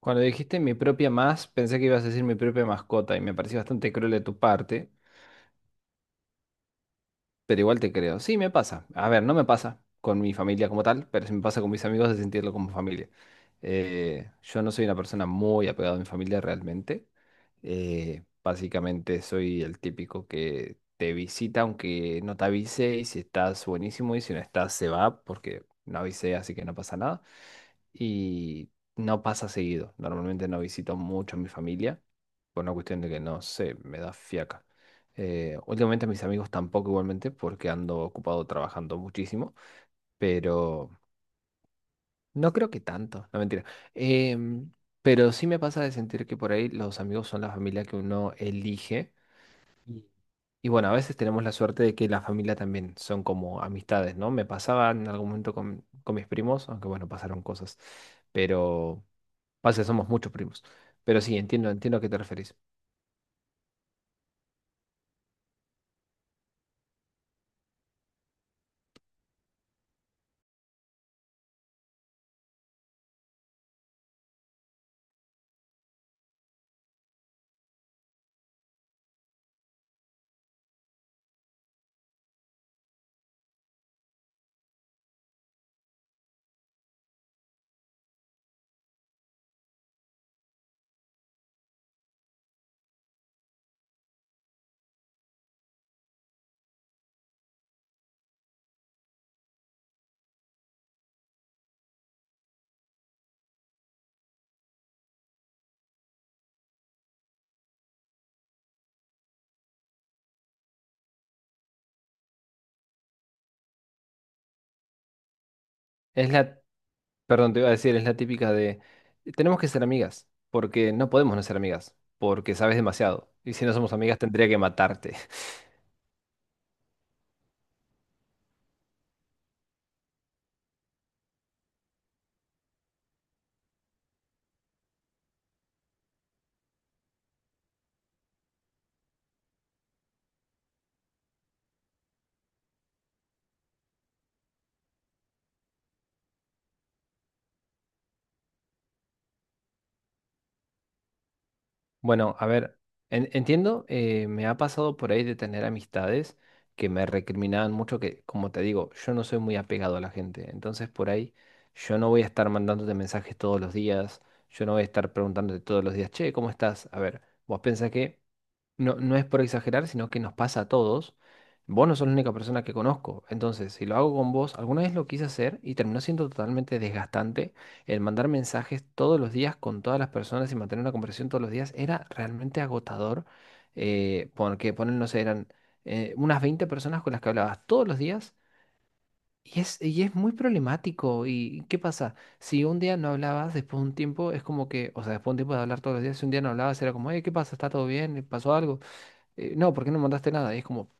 Cuando dijiste mi propia más, pensé que ibas a decir mi propia mascota y me pareció bastante cruel de tu parte, pero igual te creo. Sí, me pasa. A ver, no me pasa con mi familia como tal, pero sí me pasa con mis amigos de sentirlo como familia. Yo no soy una persona muy apegada a mi familia realmente. Básicamente soy el típico que te visita aunque no te avise y si estás buenísimo y si no estás se va porque no avisé, así que no pasa nada y no pasa seguido. Normalmente no visito mucho a mi familia, por una cuestión de que no sé, me da fiaca. Últimamente a mis amigos tampoco igualmente, porque ando ocupado trabajando muchísimo, pero no creo que tanto, no mentira. Em, pero sí me pasa de sentir que por ahí los amigos son la familia que uno elige. Y y bueno, a veces tenemos la suerte de que la familia también son como amistades, ¿no? Me pasaba en algún momento con mis primos, aunque bueno, pasaron cosas, pero... Pasa, que somos muchos primos. Pero sí, entiendo, entiendo a qué te referís. Es la, Perdón, te iba a decir, es la típica de, tenemos que ser amigas, porque no podemos no ser amigas, porque sabes demasiado. Y si no somos amigas, tendría que matarte. Bueno, a ver, entiendo, me ha pasado por ahí de tener amistades que me recriminaban mucho, que, como te digo, yo no soy muy apegado a la gente. Entonces, por ahí, yo no voy a estar mandándote mensajes todos los días, yo no voy a estar preguntándote todos los días, che, ¿cómo estás? A ver, vos pensás que... no, no es por exagerar, sino que nos pasa a todos. Vos no sos la única persona que conozco. Entonces, si lo hago con vos, alguna vez lo quise hacer y terminó siendo totalmente desgastante. El mandar mensajes todos los días con todas las personas y mantener una conversación todos los días era realmente agotador. Porque ponen, no sé, eran unas 20 personas con las que hablabas todos los días. Y es muy problemático. ¿Y qué pasa? Si un día no hablabas, después de un tiempo, es como que, o sea, después de un tiempo de hablar todos los días, si un día no hablabas, era como, hey, ¿qué pasa? ¿Está todo bien? ¿Pasó algo? No, ¿por qué no mandaste nada? Y es como,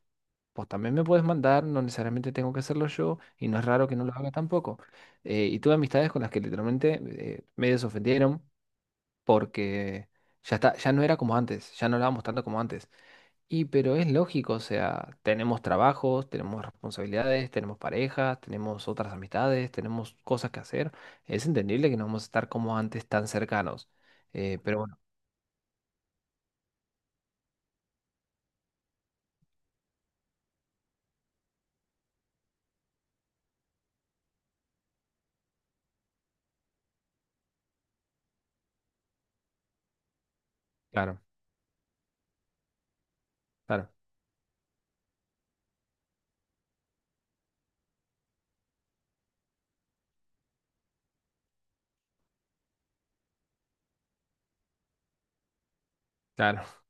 pues también me puedes mandar, no necesariamente tengo que hacerlo yo, y no es raro que no lo haga tampoco. Y tuve amistades con las que literalmente medio se ofendieron porque ya está, ya no era como antes, ya no hablábamos tanto como antes. Y pero es lógico, o sea, tenemos trabajos, tenemos responsabilidades, tenemos parejas, tenemos otras amistades, tenemos cosas que hacer. Es entendible que no vamos a estar como antes tan cercanos. Pero bueno, claro, claro, claro.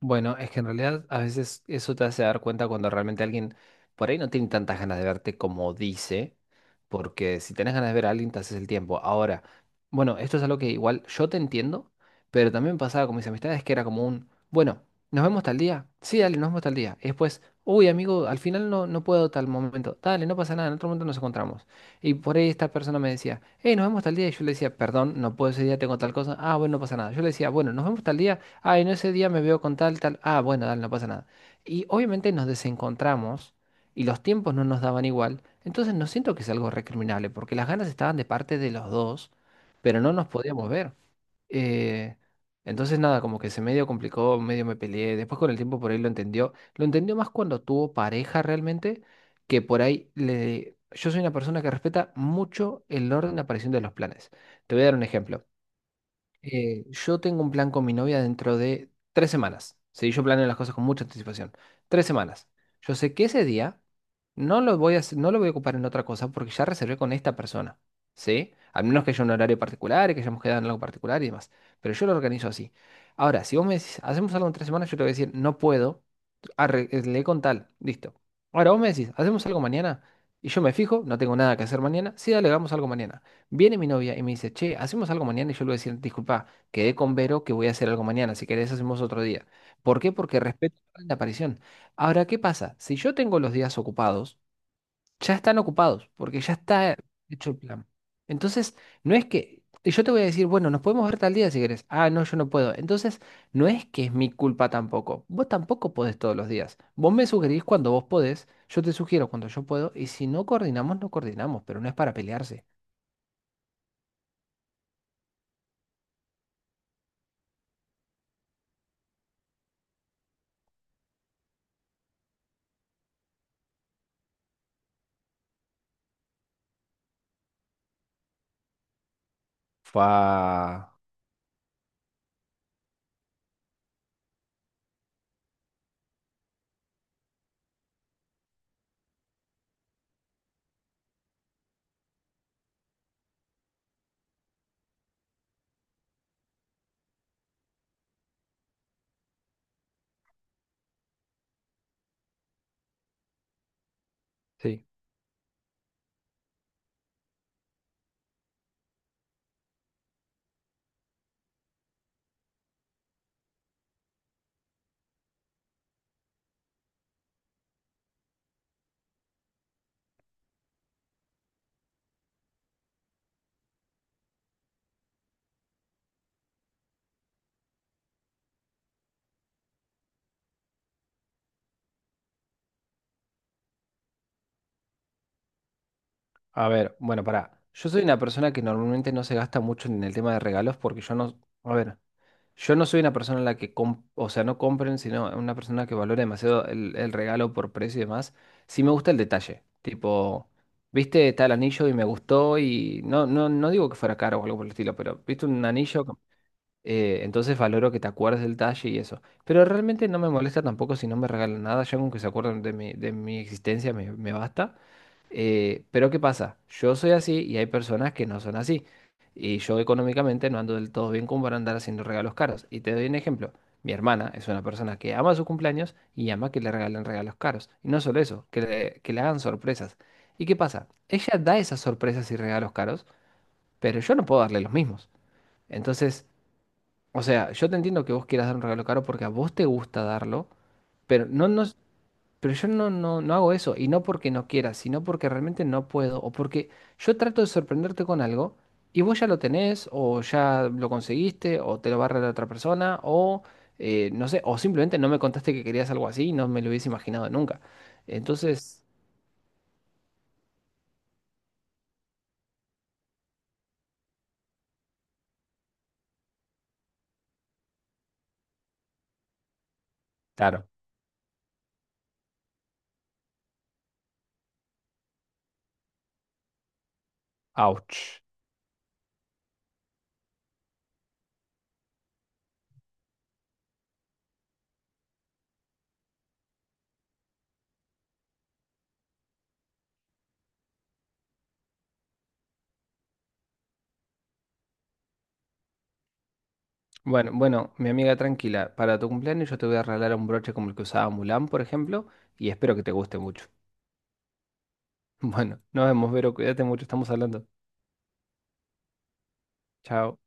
Bueno, es que en realidad a veces eso te hace dar cuenta cuando realmente alguien por ahí no tiene tantas ganas de verte como dice, porque si tenés ganas de ver a alguien te haces el tiempo. Ahora, bueno, esto es algo que igual yo te entiendo, pero también pasaba con mis amistades que era como un, bueno, ¿nos vemos tal día? Sí, dale, nos vemos tal día. Y después, uy, amigo, al final no, no puedo tal momento. Dale, no pasa nada, en otro momento nos encontramos. Y por ahí esta persona me decía, hey, nos vemos tal día. Y yo le decía, perdón, no puedo ese día, tengo tal cosa. Ah, bueno, no pasa nada. Yo le decía, bueno, nos vemos tal día. Ay, en ese día me veo con tal, tal. Ah, bueno, dale, no pasa nada. Y obviamente nos desencontramos y los tiempos no nos daban igual. Entonces no siento que sea algo recriminable porque las ganas estaban de parte de los dos, pero no nos podíamos ver. Eh, entonces nada, como que se medio complicó, medio me peleé. Después con el tiempo por ahí lo entendió. Lo entendió más cuando tuvo pareja realmente, que por ahí le... Yo soy una persona que respeta mucho el orden de aparición de los planes. Te voy a dar un ejemplo. Yo tengo un plan con mi novia dentro de 3 semanas. Sí, yo planeo las cosas con mucha anticipación. 3 semanas. Yo sé que ese día no lo voy a, hacer- no lo voy a ocupar en otra cosa porque ya reservé con esta persona. ¿Sí? Al menos que haya un horario particular y que hayamos quedado en algo particular y demás. Pero yo lo organizo así. Ahora, si vos me decís, hacemos algo en 3 semanas, yo te voy a decir, no puedo. Arreglé con tal. Listo. Ahora vos me decís, hacemos algo mañana. Y yo me fijo, no tengo nada que hacer mañana. Sí, dale, hagamos algo mañana. Viene mi novia y me dice, che, hacemos algo mañana. Y yo le voy a decir, disculpa, quedé con Vero que voy a hacer algo mañana. Si querés, hacemos otro día. ¿Por qué? Porque respeto la aparición. Ahora, ¿qué pasa? Si yo tengo los días ocupados, ya están ocupados, porque ya está hecho el plan. Entonces, no es que y yo te voy a decir, bueno, nos podemos ver tal día si querés. Ah, no, yo no puedo. Entonces, no es que es mi culpa tampoco. Vos tampoco podés todos los días. Vos me sugerís cuando vos podés, yo te sugiero cuando yo puedo, y si no coordinamos, no coordinamos, pero no es para pelearse. Fua. Sí, a ver, bueno, para. Yo soy una persona que normalmente no se gasta mucho en el tema de regalos porque yo no, a ver, yo no soy una persona en la que, o sea, no compren, sino una persona que valora demasiado el regalo por precio y demás. Sí me gusta el detalle, tipo, viste, está el anillo y me gustó y no, no, no digo que fuera caro o algo por el estilo, pero viste un anillo. Entonces valoro que te acuerdes del talle y eso. Pero realmente no me molesta tampoco si no me regalan nada. Ya con que se acuerden de mi existencia me basta. Pero ¿qué pasa? Yo soy así y hay personas que no son así. Y yo económicamente no ando del todo bien como para andar haciendo regalos caros. Y te doy un ejemplo. Mi hermana es una persona que ama sus cumpleaños y ama que le regalen regalos caros. Y no solo eso, que le hagan sorpresas. ¿Y qué pasa? Ella da esas sorpresas y regalos caros, pero yo no puedo darle los mismos. Entonces... O sea, yo te entiendo que vos quieras dar un regalo caro porque a vos te gusta darlo, pero no, no, pero yo no, no, no hago eso, y no porque no quiera, sino porque realmente no puedo, o porque yo trato de sorprenderte con algo, y vos ya lo tenés, o ya lo conseguiste, o te lo va a regalar otra persona, o no sé, o simplemente no me contaste que querías algo así y no me lo hubiese imaginado nunca. Entonces, claro, ouch. Bueno, bueno, mi amiga tranquila, para tu cumpleaños yo te voy a regalar un broche como el que usaba Mulan, por ejemplo, y espero que te guste mucho. Bueno, nos vemos, Vero, cuídate mucho, estamos hablando. Chao.